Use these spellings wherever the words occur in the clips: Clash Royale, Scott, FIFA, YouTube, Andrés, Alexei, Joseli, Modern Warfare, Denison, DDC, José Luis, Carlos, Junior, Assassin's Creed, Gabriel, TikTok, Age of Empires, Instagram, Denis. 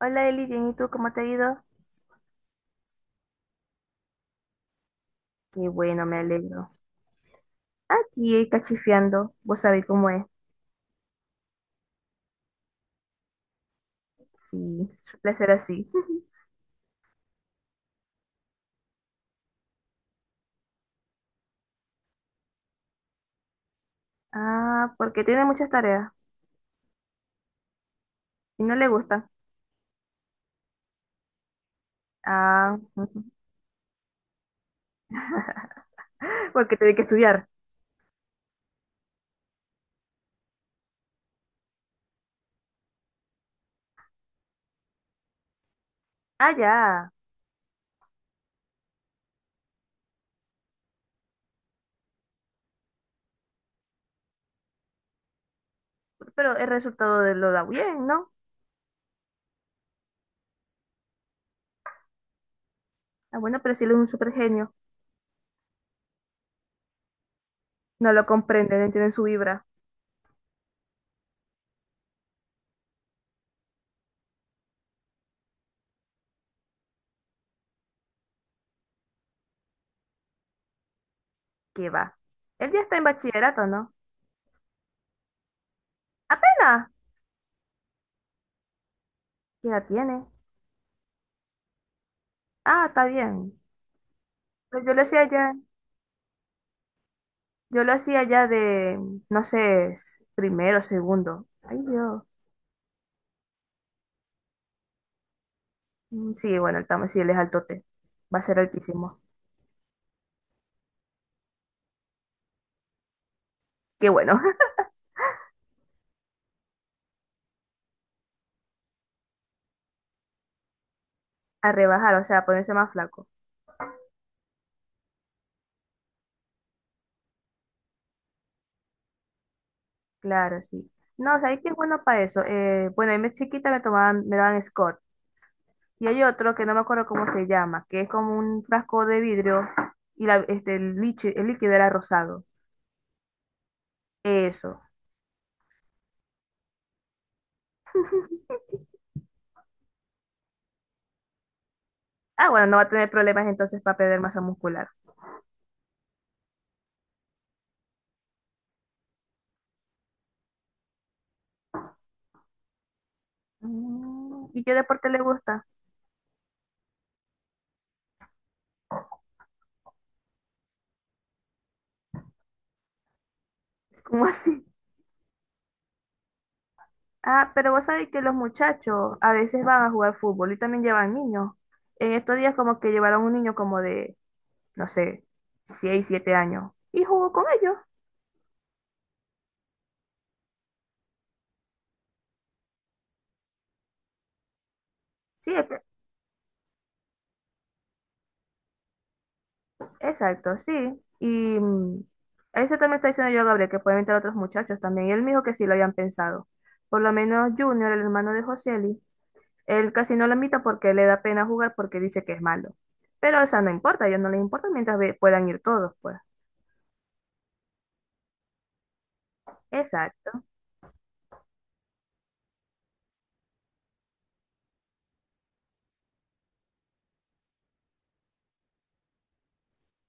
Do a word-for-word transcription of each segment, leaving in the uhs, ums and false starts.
Hola Eli, bien, ¿y tú cómo te ha ido? Qué bueno, me alegro. Aquí eh, cachifiando, vos sabés cómo es. Sí, suele ser así. Ah, porque tiene muchas tareas y no le gustan. Ah, porque tiene que estudiar. Ah, ya. Pero el resultado de lo da bien, ¿no? Ah, bueno, pero si él es un super genio. No lo comprende, no entiende su vibra. ¿Qué va? Él ya está en bachillerato, ¿no? Apenas. ¿Qué edad tiene? Ah, está bien. Pero yo lo hacía ya. Yo lo hacía ya de, no sé, s- primero, segundo. Ay, Dios. Mm, sí, bueno, el tamaño, sí, él es altote. Va a ser altísimo. Qué bueno. A rebajar, o sea, a ponerse más flaco. Claro, sí. No, ¿sabes qué es bueno para eso? Eh, bueno, a mí chiquita me tomaban, me daban Scott. Y hay otro que no me acuerdo cómo se llama, que es como un frasco de vidrio y la, este, el, lichi- el líquido era rosado. Eso. Ah, bueno, no va a tener problemas entonces para perder masa muscular. Mm, ¿y qué deporte le gusta? ¿Cómo así? Ah, pero vos sabés que los muchachos a veces van a jugar fútbol y también llevan niños. En estos días como que llevaron un niño como de, no sé, seis siete años y jugó con ellos. Sí, es que- exacto, sí. Y mm, eso también está diciendo yo a Gabriel, que pueden entrar otros muchachos también. Y él me dijo que sí lo habían pensado. Por lo menos Junior, el hermano de Joseli, él casi no lo invita porque le da pena jugar porque dice que es malo. Pero eso no importa, a ellos no les importa mientras ve- puedan ir todos, pues. Exacto.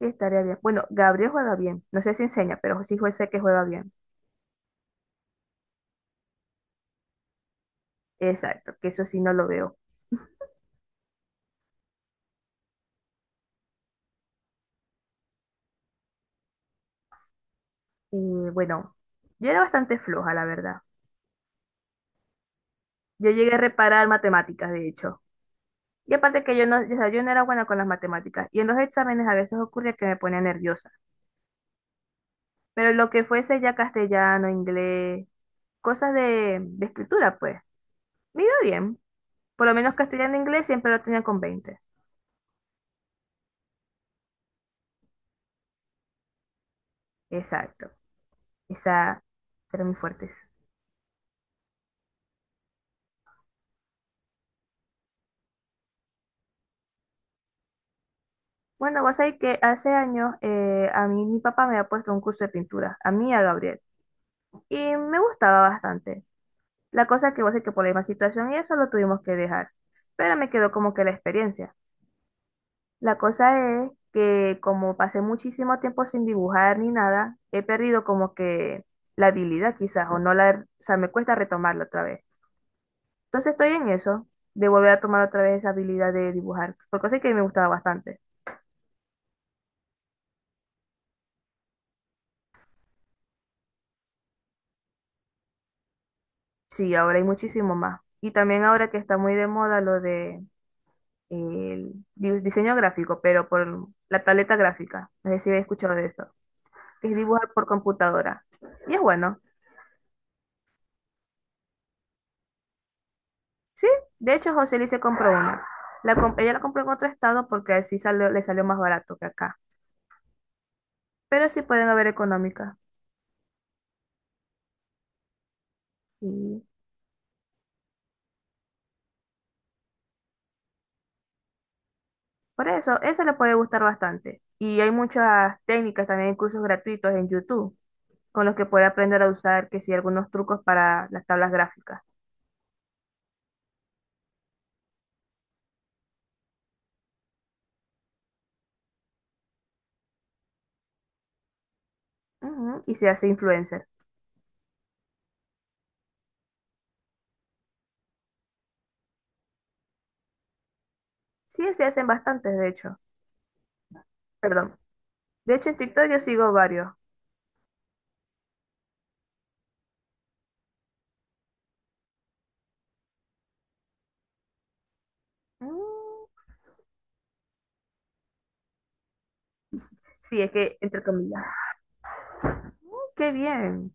Sí, estaría bien. Bueno, Gabriel juega bien. No sé si enseña, pero sí jue- sé que juega bien. Exacto, que eso sí no lo veo. Y bueno, yo era bastante floja, la verdad. Yo llegué a reparar matemáticas, de hecho. Y aparte que yo no, o sea, yo no era buena con las matemáticas. Y en los exámenes a veces ocurría que me ponía nerviosa. Pero lo que fuese ya castellano, inglés, cosas de, de escritura, pues, me iba bien. Por lo menos castellano e inglés siempre lo tenía con veinte. Exacto. Esa eran mis fuertes. Bueno, vos sabés que hace años eh, a mí mi papá me ha puesto un curso de pintura, a mí y a Gabriel, y me gustaba bastante. La cosa es que vos sabés que por la misma situación y eso lo tuvimos que dejar, pero me quedó como que la experiencia. La cosa es que como pasé muchísimo tiempo sin dibujar ni nada, he perdido como que la habilidad quizás, o no la, o sea, me cuesta retomarla otra vez. Entonces estoy en eso, de volver a tomar otra vez esa habilidad de dibujar, porque sé que me gustaba bastante. Sí, ahora hay muchísimo más. Y también ahora que está muy de moda lo de el di- diseño gráfico, pero por la tableta gráfica. No sé si habéis escuchado de eso, que es dibujar por computadora. Y es bueno. Sí, de hecho José Luis se compró una. La com- ella la compró en otro estado porque así salió, le salió más barato que acá. Pero sí pueden haber económicas. Y por eso, eso le puede gustar bastante. Y hay muchas técnicas, también hay cursos gratuitos en YouTube con los que puede aprender a usar, que sí, algunos trucos para las tablas gráficas. Ujú, y se hace influencer. Sí, se hacen bastantes, de hecho. Perdón. De hecho, en TikTok yo sigo varios. Mm, sí, es que, entre comillas. ¡Qué bien!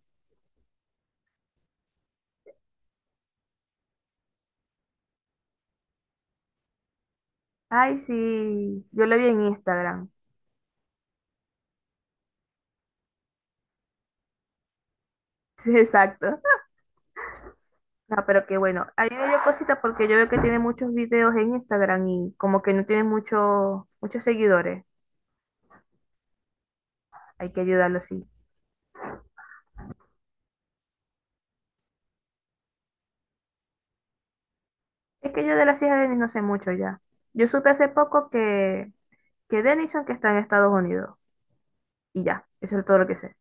Ay, sí. Yo lo vi en Instagram. Sí, exacto. No, pero qué bueno. A mí me dio cosita porque yo veo que tiene muchos videos en Instagram y como que no tiene mucho, muchos seguidores. Hay que ayudarlo, sí. Es que yo de las hijas de Denis no sé mucho ya. Yo supe hace poco que, que Denison que está en Estados Unidos. Y ya, eso es todo lo que sé.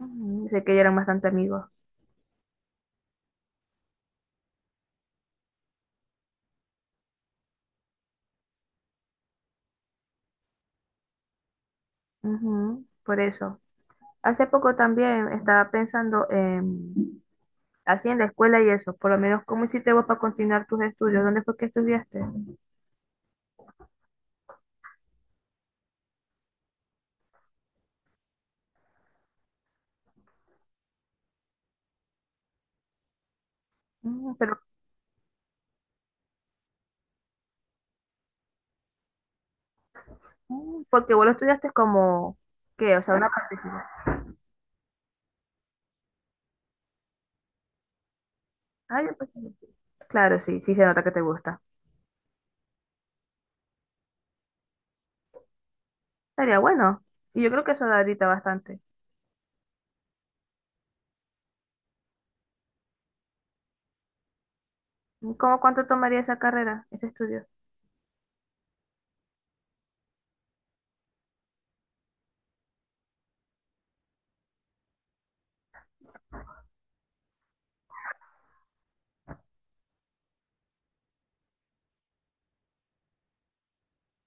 Ujú, sé que ya eran bastante amigos. Ujú, por eso. Hace poco también estaba pensando en, así en la escuela y eso, por lo menos, ¿cómo hiciste vos para continuar tus estudios? ¿Dónde fue que estudiaste? Mm, pero, mm, porque vos lo estudiaste como, ¿qué? O sea, una participación. Ah, ya, pues, claro, sí, sí se nota que te gusta. Estaría bueno. Y yo creo que eso da ahorita bastante. ¿Cómo cuánto tomaría esa carrera, ese estudio?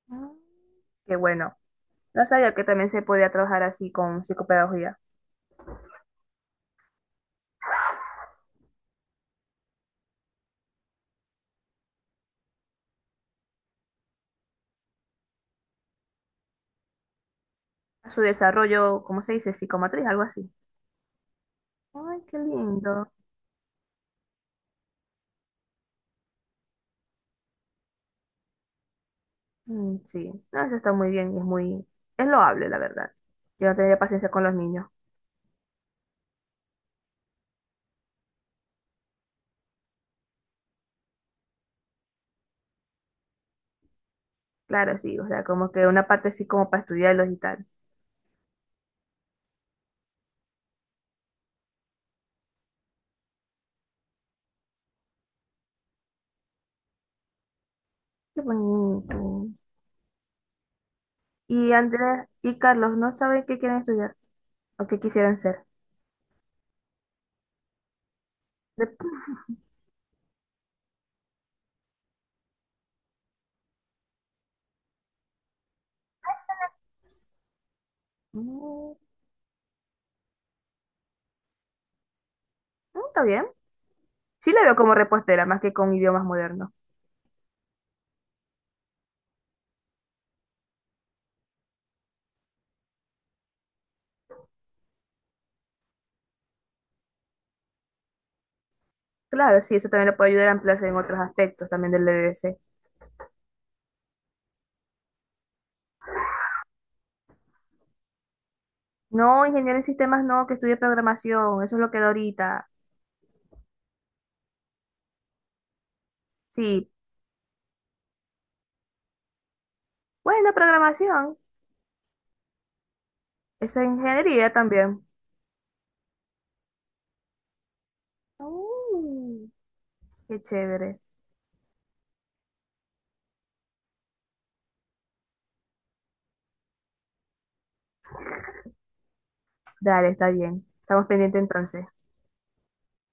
Mm, qué bueno. No sabía que también se podía trabajar así con psicopedagogía. A su desarrollo, ¿cómo se dice? Psicomotriz, algo así. Ay, qué lindo. Mm, sí, no, eso está muy bien y es muy, es loable, la verdad. Yo no tendría paciencia con los niños. Claro, sí, o sea, como que una parte así como para estudiarlos y tal. Qué bonito. Y Andrés y Carlos no saben qué quieren estudiar o qué quisieran ser. De- mm, está bien. Sí le veo como repostera, más que con idiomas modernos. Claro, sí, eso también le puede ayudar a ampliarse en otros aspectos también del D D C. No, ingeniero en sistemas no, que estudie programación, eso es lo que da ahorita. Sí, bueno, programación, eso es ingeniería también. Mm, qué chévere. Dale, está bien. Estamos pendientes entonces.